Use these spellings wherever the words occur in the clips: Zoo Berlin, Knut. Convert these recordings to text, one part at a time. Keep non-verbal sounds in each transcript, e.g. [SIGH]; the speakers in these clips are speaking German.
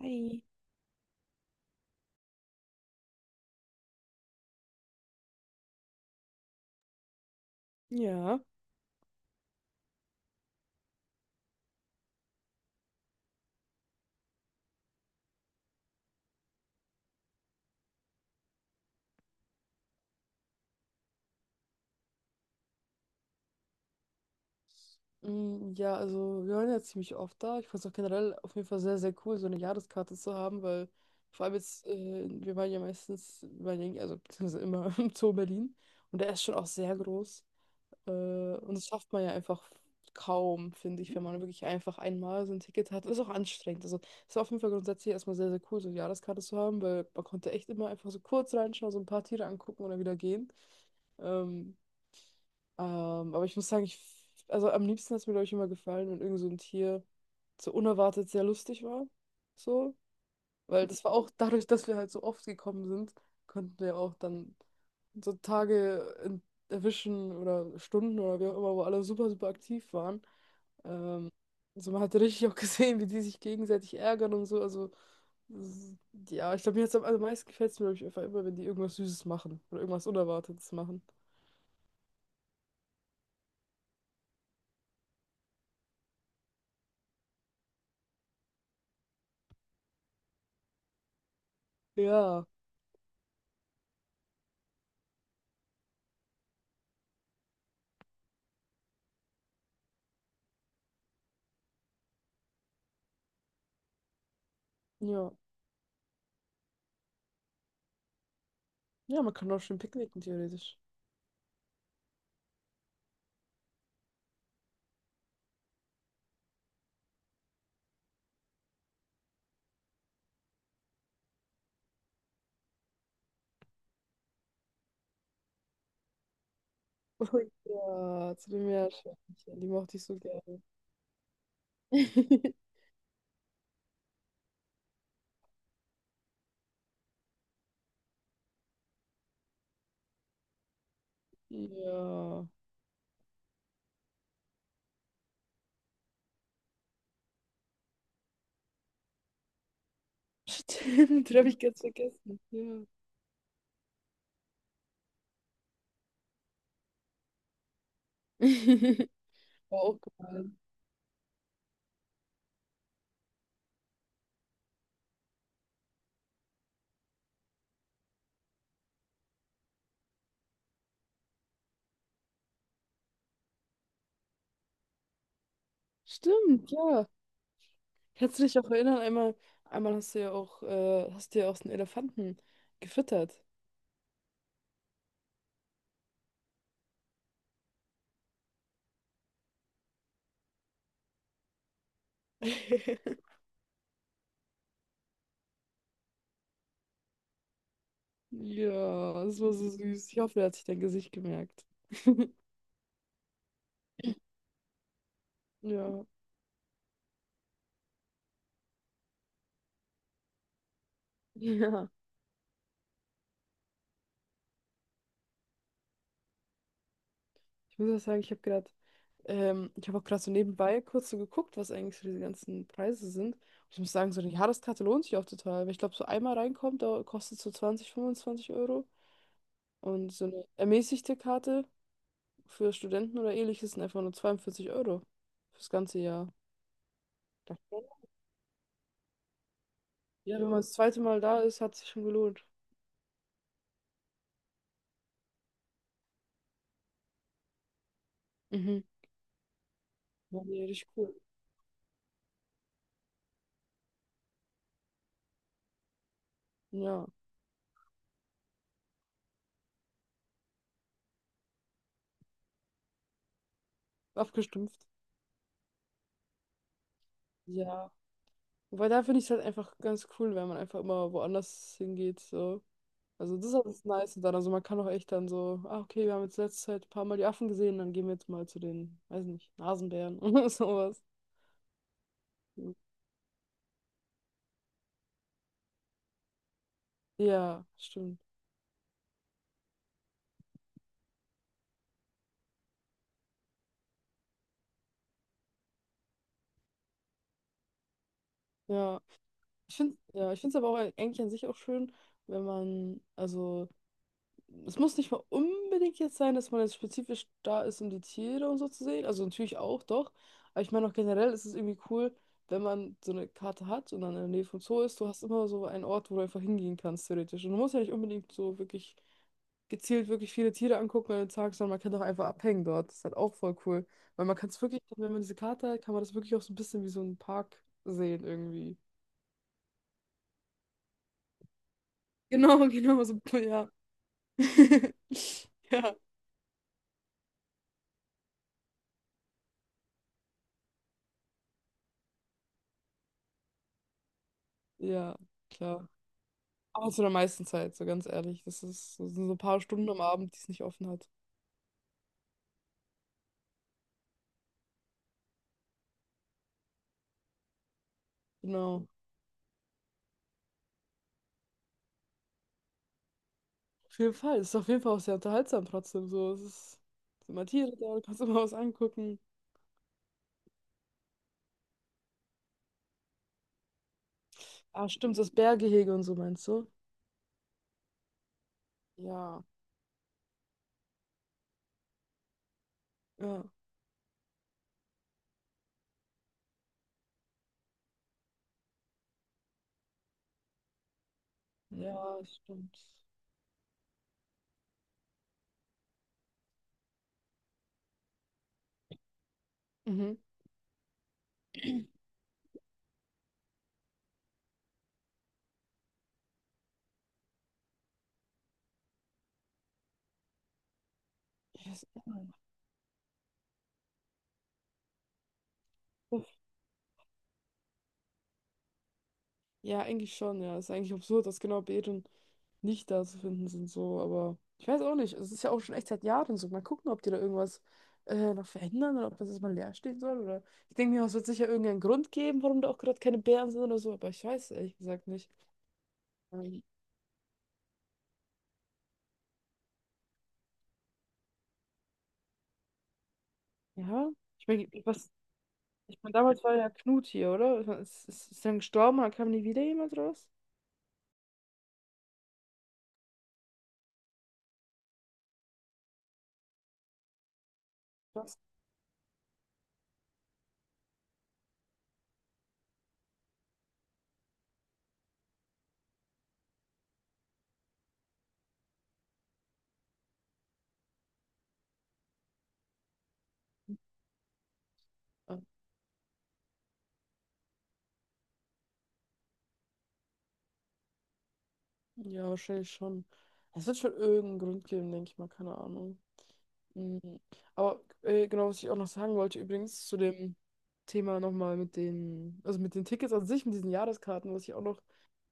Hi. Ja. Mm, ja, also wir waren ja ziemlich oft da. Ich fand es auch generell auf jeden Fall sehr, sehr cool, so eine Jahreskarte zu haben, weil vor allem jetzt, wir waren ja meistens, wir waren ja, also beziehungsweise immer [LAUGHS] im Zoo Berlin, und der ist schon auch sehr groß. Äh, und das schafft man ja einfach kaum, finde ich, wenn man wirklich einfach einmal so ein Ticket hat. Ist auch anstrengend. Also es war auf jeden Fall grundsätzlich erstmal sehr, sehr cool, so eine Jahreskarte zu haben, weil man konnte echt immer einfach so kurz reinschauen, so ein paar Tiere angucken und dann wieder gehen. Ähm, aber ich muss sagen, also am liebsten hat es mir, glaube ich, immer gefallen, wenn irgend so ein Tier so unerwartet sehr lustig war. So. Weil das war auch [LAUGHS] dadurch, dass wir halt so oft gekommen sind, konnten wir auch dann so Tage erwischen oder Stunden oder wie auch immer, wo alle super, super aktiv waren. Ähm, also man hat richtig auch [LAUGHS] gesehen, wie die sich gegenseitig ärgern und so. Also, s- ja, ich glaube, mir hat's am allermeisten gefällt es mir, glaube ich, einfach immer, wenn die irgendwas Süßes machen oder irgendwas Unerwartetes machen. Ja, ja. Ja, man kann auch schön picknicken, theoretisch. Oh ja, zu den Meerschweinchen, die mochte ich so gerne. [LAUGHS] Ja. Stimmt, den habe ich ganz vergessen. Ja. [LAUGHS] War auch geil. Stimmt, ja. Kannst du dich auch erinnern, einmal hast du ja auch so einen Elefanten gefüttert. [LAUGHS] Ja, das war so süß. Ich hoffe, er hat sich dein Gesicht gemerkt. [LAUGHS] Ja. Ja. Ich muss auch sagen, ich habe auch gerade so nebenbei kurz so geguckt, was eigentlich so diese ganzen Preise sind. Und ich muss sagen, so eine Jahreskarte lohnt sich auch total, weil ich glaube, so einmal reinkommt, da kostet so 20-25 Euro. Und so eine ermäßigte Karte für Studenten oder ähnliches sind einfach nur 42 Euro fürs ganze Jahr. Dachte schon, ja, wenn man das zweite Mal da ist, hat sich schon gelohnt. Mhm. War mir richtig cool. Ja, abgestumpft. Ja. Wobei da finde ich es halt einfach ganz cool, wenn man einfach immer woanders hingeht, so. Also das ist alles nice und dann, also man kann auch echt dann so, ah, okay, wir haben jetzt letzte Zeit ein paar Mal die Affen gesehen, dann gehen wir jetzt mal zu den, weiß nicht, Nasenbären [LAUGHS] oder sowas. Ja, stimmt. Ja, ich finde es aber auch eigentlich an sich auch schön, wenn man, also es muss nicht mal unbedingt jetzt sein, dass man jetzt spezifisch da ist, um die Tiere und so zu sehen. Also natürlich auch, doch. Aber ich meine auch generell ist es irgendwie cool, wenn man so eine Karte hat und dann in der Nähe vom Zoo ist, du hast immer so einen Ort, wo du einfach hingehen kannst, theoretisch. Und du musst ja nicht unbedingt so wirklich gezielt wirklich viele Tiere angucken an den Tag, sondern man kann doch einfach abhängen dort. Das ist halt auch voll cool. Weil man kann es wirklich, wenn man diese Karte hat, kann man das wirklich auch so ein bisschen wie so einen Park sehen irgendwie. Genau, [LAUGHS] genau, so, ja. [LAUGHS] Ja. Ja, klar. Aber zu der meisten Zeit, so ganz ehrlich. Das sind so ein paar Stunden am Abend, die es nicht offen hat. Genau. Auf jeden Fall. Es ist auf jeden Fall auch sehr unterhaltsam trotzdem. So, es sind immer Tiere da, du kannst [LAUGHS] immer was angucken. Ah, stimmt, das Bärgehege und so meinst du? Ja, ja, ja, stimmt. Mhm. Ja, ja. Ja, eigentlich schon, ja. Ist eigentlich absurd, dass genau Beeren nicht da zu finden sind, so, aber ich weiß auch nicht. Es ist ja auch schon echt seit Jahren so. Mal gucken, ob die da irgendwas noch verändern oder ob das jetzt mal leer stehen soll. Oder ich denke mir, es wird sicher irgendeinen Grund geben, warum da auch gerade keine Beeren sind oder so, aber ich weiß es ehrlich gesagt nicht. Ähm, ja, ich meine, was, ich meine, damals war ja Knut hier, oder? Ich mein, ist dann gestorben, oder kam nie wieder jemand raus? Was? Ah, ja, wahrscheinlich schon. Es wird schon irgendeinen Grund geben, denke ich mal, keine Ahnung. Mhm. Aber genau, was ich auch noch sagen wollte, übrigens zu dem Thema nochmal also mit den Tickets an sich, mit diesen Jahreskarten, was ich auch noch,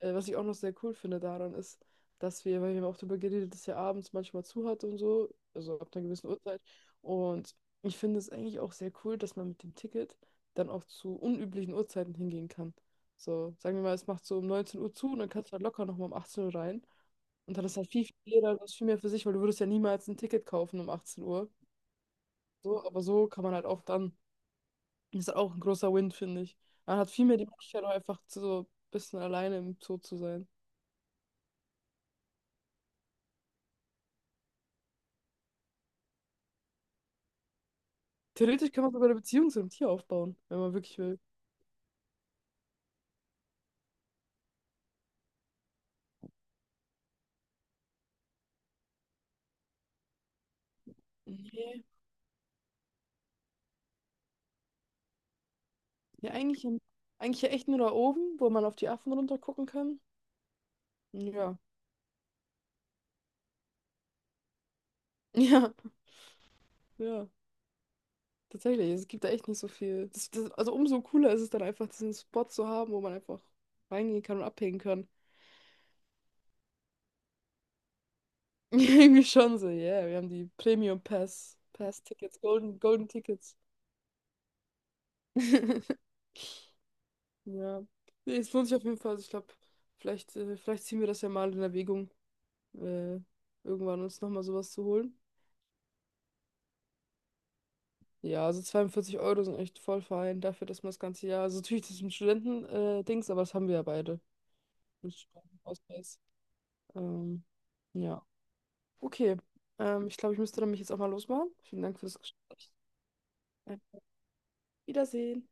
äh, was ich auch noch sehr cool finde daran ist, dass wir, weil wir haben auch darüber geredet, dass er abends manchmal zu hat und so, also ab einer gewissen Uhrzeit. Und ich finde es eigentlich auch sehr cool, dass man mit dem Ticket dann auch zu unüblichen Uhrzeiten hingehen kann. So, sagen wir mal, es macht so um 19 Uhr zu und dann kannst du halt locker nochmal um 18 Uhr rein. Und dann ist halt viel, viel jeder, das viel mehr für sich, weil du würdest ja niemals ein Ticket kaufen um 18 Uhr. So, aber so kann man halt auch dann, das ist halt auch ein großer Win, finde ich. Man hat viel mehr die Möglichkeit, auch einfach zu so ein bisschen alleine im Zoo zu sein. Theoretisch kann man sogar eine Beziehung zu einem Tier aufbauen, wenn man wirklich will. Nee. Ja, eigentlich, eigentlich ja echt nur da oben, wo man auf die Affen runter gucken kann. Ja. [LAUGHS] Ja, ja. Tatsächlich, es gibt da echt nicht so viel. Also umso cooler ist es dann einfach, diesen Spot zu haben, wo man einfach reingehen kann und abhängen kann. [LAUGHS] Irgendwie schon so, yeah. Wir haben die Premium Pass, Pass Tickets, Golden, Golden Tickets. [LAUGHS] Ja. Nee, es lohnt sich auf jeden Fall. Also ich glaube, vielleicht ziehen wir das ja mal in Erwägung, äh, irgendwann uns nochmal sowas zu holen. Ja, also 42 Euro sind echt voll fein dafür, dass man das ganze Jahr. Also natürlich, das ist ein Studenten-Dings, aber das haben wir ja beide. Mit Studentenausweis. Ähm, ja. Okay. Ich glaube, ich müsste dann mich jetzt auch mal losmachen. Vielen Dank für das Gespräch. Äh, Wiedersehen.